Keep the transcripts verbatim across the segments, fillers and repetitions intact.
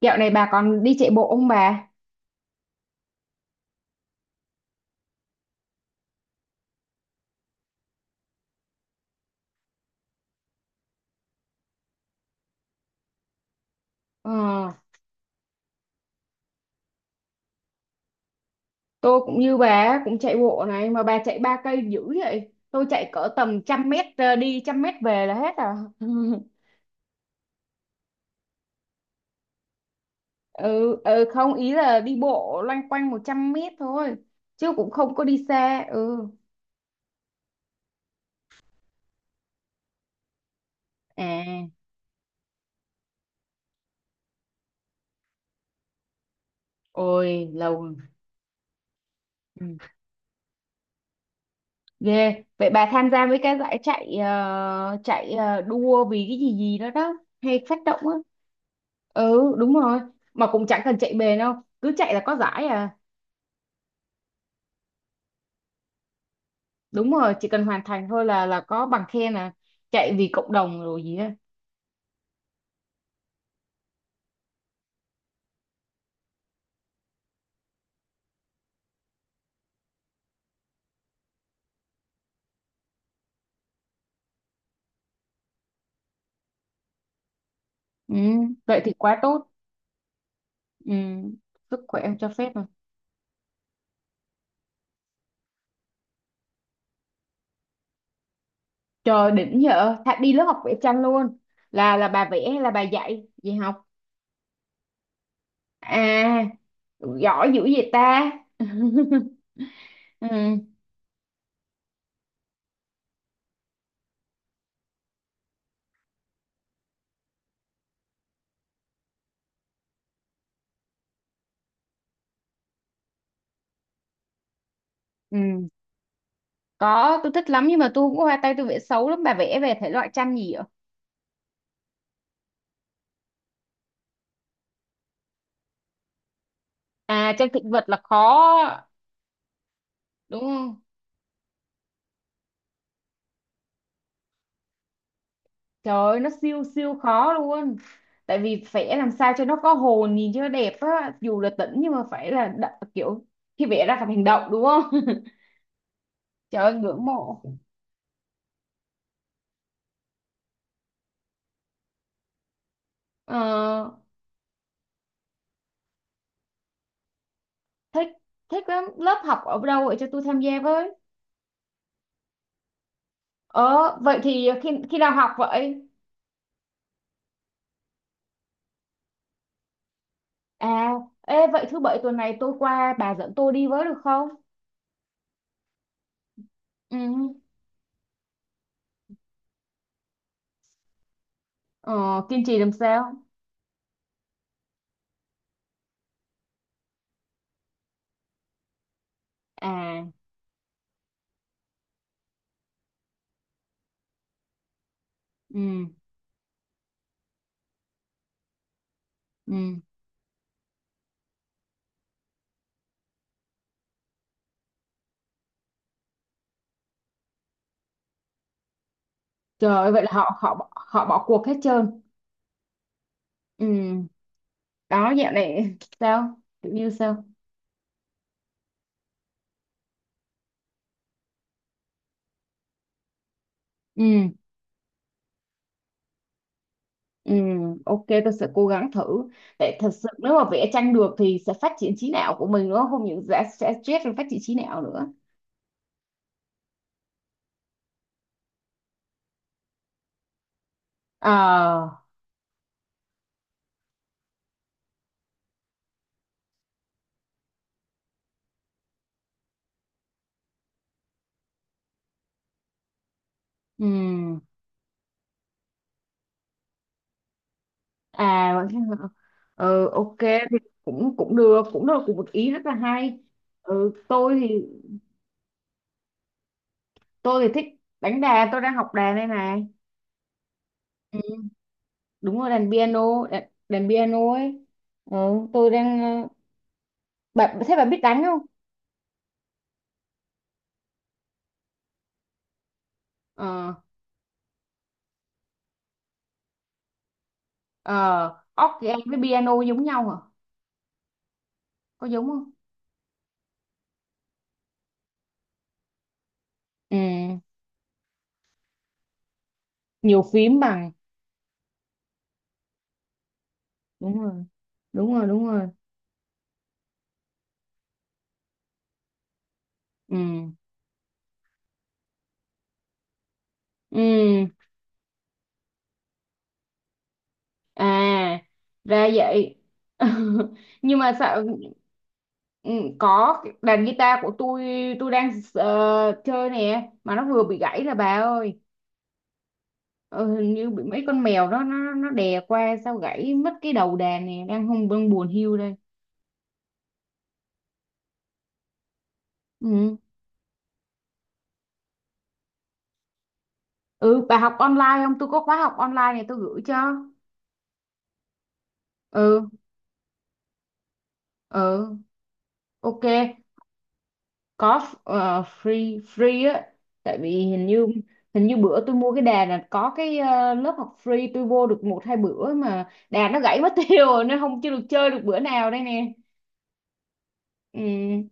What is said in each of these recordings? Dạo này bà còn đi chạy bộ không bà? Ờ, tôi cũng như bà á, cũng chạy bộ này mà bà chạy ba cây dữ vậy. Tôi chạy cỡ tầm trăm mét ờ, đi trăm mét về là hết à. Ừ, ừ không ý là đi bộ loanh quanh một trăm mét thôi chứ cũng không có đi xa. Ừ. À, ôi lâu rồi. Ừ. Ghê. Vậy bà tham gia với cái giải chạy ờ, chạy ờ, đua vì cái gì gì đó đó hay phát động á. Ừ, đúng rồi. Mà cũng chẳng cần chạy bền đâu, cứ chạy là có giải à. Đúng rồi, chỉ cần hoàn thành thôi là là có bằng khen à. Chạy vì cộng đồng rồi gì á. Ừ, vậy thì quá tốt. Ừ, sức khỏe em cho phép rồi. Trời đỉnh nhở. Thà đi lớp học vẽ tranh luôn. Là là bà vẽ hay là bà dạy dạy học? À, giỏi dữ vậy ta. Ừ, ừ. Có, tôi thích lắm nhưng mà tôi cũng hoa tay, tôi vẽ xấu lắm. Bà vẽ về thể loại tranh gì ạ? À, tranh thực vật là khó, đúng không? Trời ơi, nó siêu siêu khó luôn. Tại vì vẽ làm sao cho nó có hồn, nhìn cho nó đẹp á, dù là tĩnh nhưng mà phải là đ- kiểu khi vẽ ra phải hành động, đúng không? Trời ơi, ngưỡng mộ. Ờ, thích thích lắm, lớp học ở đâu vậy cho tôi tham gia với. Ờ, vậy thì khi khi nào học vậy? À, ê, vậy thứ bảy tuần này tôi qua bà dẫn tôi đi với được không? Ừ. Ờ, kiên trì làm sao? À, ừ, ừ. Trời ơi, vậy là họ họ họ bỏ cuộc hết trơn. Ừ. Đó, dạo này sao, kiểu như sao? Ừ, ừ, ok, tôi sẽ cố gắng thử. Tại thật sự nếu mà vẽ tranh được thì sẽ phát triển trí não của mình nữa, không những sẽ sẽ stress rồi phát triển trí não nữa. Ờ. Ừ. À. Ừ, ok thì cũng cũng được, cũng là cũng một ý rất là hay. Ừ, tôi thì tôi thì thích đánh đàn. Tôi đang học đàn đây này. Ừ, đúng rồi, đàn piano, đàn, đàn piano ấy. Ừ, tôi đang ờ, bạn, thế bạn biết đánh không? Ờ. Ờ, organ với piano giống nhau hả? Có giống không? Ừ. Nhiều phím bằng. Đúng rồi, đúng rồi, đúng rồi. Ừ. Ừ, à, ra vậy. Nhưng mà sao. Ừ, có, cái đàn guitar của tôi tôi đang ờ, chơi nè mà nó vừa bị gãy là bà ơi. Ờ, hình như bị mấy con mèo đó nó nó đè qua sao gãy mất cái đầu đàn nè, đang không, đang buồn hiu đây. Ừ. Ừ, bà học online không? Tôi có khóa học online này tôi gửi cho. Ừ. Ừ, ok, có f- ờ, free free á. Tại vì hình như hình như bữa tôi mua cái đà là có cái ờ, lớp học free, tôi vô được một hai bữa mà đà nó gãy mất tiêu rồi nên không chưa được chơi được bữa nào đây nè. Ừ.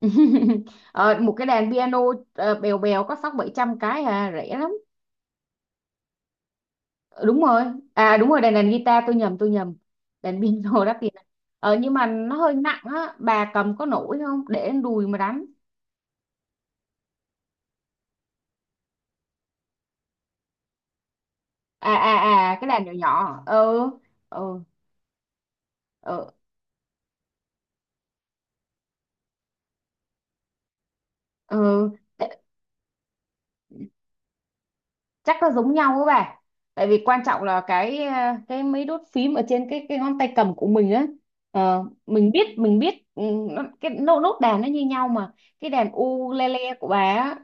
Ờ, một cái đàn piano ờ, bèo bèo có sáu bảy trăm cái, à rẻ lắm. Ờ, đúng rồi, à đúng rồi, đàn đàn guitar, tôi nhầm tôi nhầm. Đàn piano đắt tiền. Ờ, nhưng mà nó hơi nặng á, bà cầm có nổi không, để đùi mà đánh. À, à, à, cái làn nhỏ nhỏ. Ừ, ừ, ừ, ừ. Ê, chắc nó giống nhau á bà. Tại vì quan trọng là cái ờ, cái mấy đốt phím ở trên cái cái ngón tay cầm của mình á. Ờ, mình biết mình biết, ừ, nó, cái nốt nốt đàn nó như nhau mà. Cái đàn ukulele của bà á,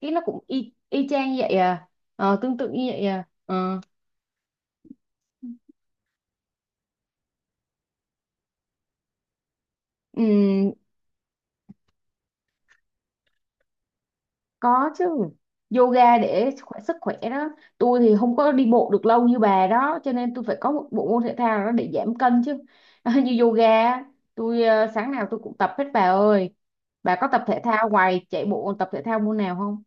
cái nó cũng y y chang vậy à. Ờ, tương tự như vậy à. Ờ. Ừ. Có chứ. Yoga để khỏe sức khỏe đó. Tôi thì không có đi bộ được lâu như bà đó, cho nên tôi phải có một bộ môn thể thao đó để giảm cân chứ. Như yoga á, tôi ờ, sáng nào tôi cũng tập hết bà ơi. Bà có tập thể thao ngoài chạy bộ còn tập thể thao môn nào không?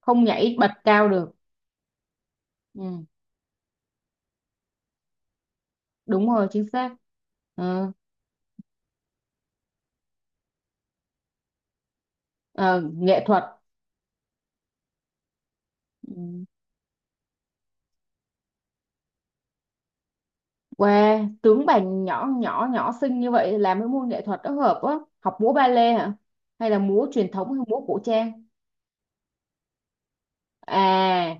Không nhảy bật cao được. Ừ, đúng rồi, chính xác. Ừ, ờ, nghệ thuật. Ừ. Wow, tướng bà nhỏ nhỏ nhỏ xinh như vậy làm cái môn nghệ thuật đó hợp á. Học múa ba lê hả? Hay là múa truyền thống hay múa cổ trang? À,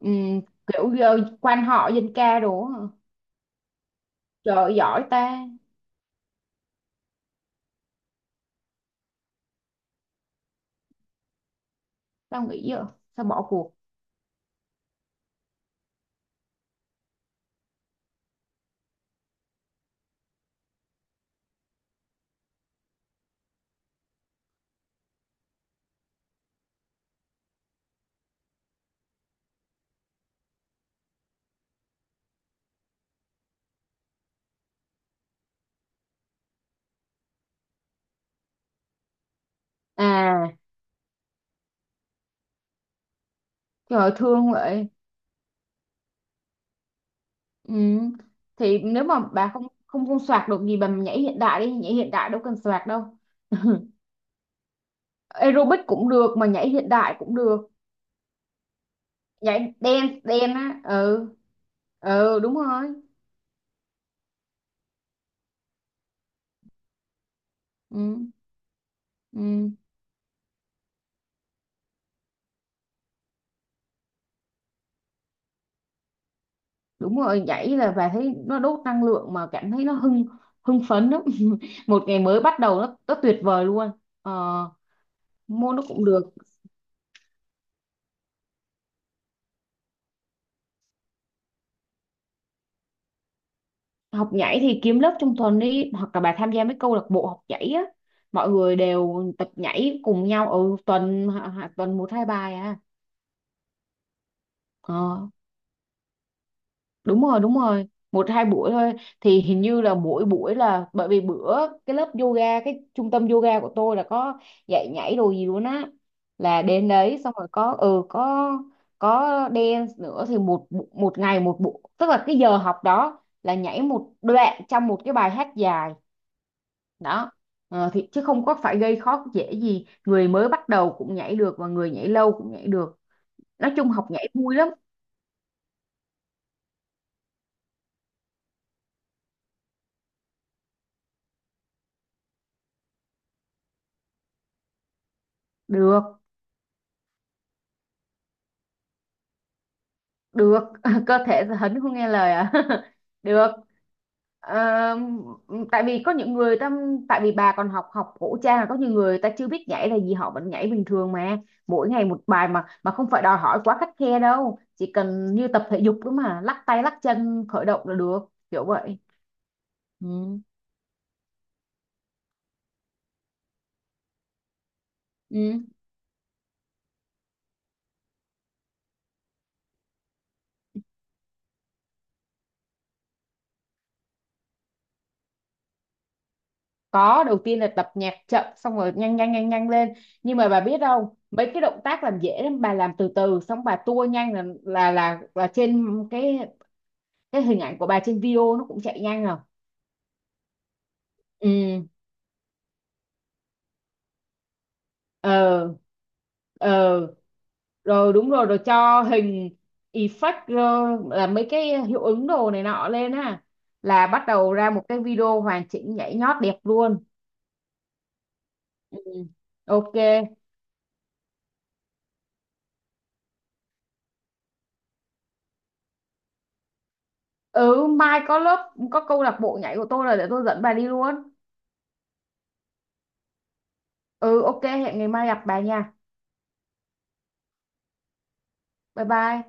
ừm, kiểu gờ- quan họ dân ca đồ á, hả? Trời ơi, giỏi ta. Tao nghĩ vậy. Sao bỏ cuộc? À, trời ơi, thương vậy. Ừm, thì nếu mà bà không không không soạt được gì, bà nhảy hiện đại đi, nhảy hiện đại đâu cần soạt đâu. Aerobic cũng được mà nhảy hiện đại cũng được. Nhảy dance dance á. Ừ. Ừ, đúng rồi. Ừ, ừ, đúng rồi. Nhảy là bà thấy nó đốt năng lượng mà cảm thấy nó hưng hưng phấn lắm. Một ngày mới bắt đầu, nó, nó tuyệt vời luôn. Ờ, môn nó cũng được. Học nhảy thì kiếm lớp trong tuần đi, hoặc là bà tham gia mấy câu lạc bộ học nhảy á. Mọi người đều tập nhảy cùng nhau ở tuần hạ- hạ- tuần một hai bài à. Ờ. Đúng rồi, đúng rồi. Một hai buổi thôi. Thì hình như là mỗi buổi là, bởi vì bữa cái lớp yoga cái trung tâm yoga của tôi là có dạy nhảy đồ gì luôn á. Là đến đấy xong rồi có, ừ, có có dance nữa thì một bu- một ngày một buổi, tức là cái giờ học đó là nhảy một đoạn trong một cái bài hát dài. Đó. Ờ, thì chứ không có phải gây khó dễ gì, người mới bắt đầu cũng nhảy được và người nhảy lâu cũng nhảy được. Nói chung học nhảy vui lắm. Được, được. Cơ thể hấn không nghe lời à? Được. Ờ, tại vì có những người ta, tại vì bà còn học học cổ trang, là có nhiều người ta chưa biết nhảy là gì họ vẫn nhảy bình thường mà. Mỗi ngày một bài mà mà không phải đòi hỏi quá khắt khe đâu, chỉ cần như tập thể dục đó mà lắc tay lắc chân khởi động là được. Kiểu vậy. Ừ. Ừ. Có, đầu tiên là tập nhạc chậm xong rồi nhanh nhanh nhanh nhanh lên. Nhưng mà bà biết không, mấy cái động tác làm dễ lắm, bà làm từ từ xong bà tua nhanh là là là, là trên cái cái hình ảnh của bà trên video nó cũng chạy nhanh rồi. Ừ. Ờ. Ờ. Rồi đúng rồi, rồi cho hình effect. Ờ, là mấy cái hiệu ứng đồ này nọ lên á. Là bắt đầu ra một cái video hoàn chỉnh nhảy nhót đẹp luôn. Ừ. Ok. Ừ, mai có lớp có câu lạc bộ nhảy của tôi, là để tôi dẫn bà đi luôn. Ừ, ok, hẹn ngày mai gặp bà nha. Bye bye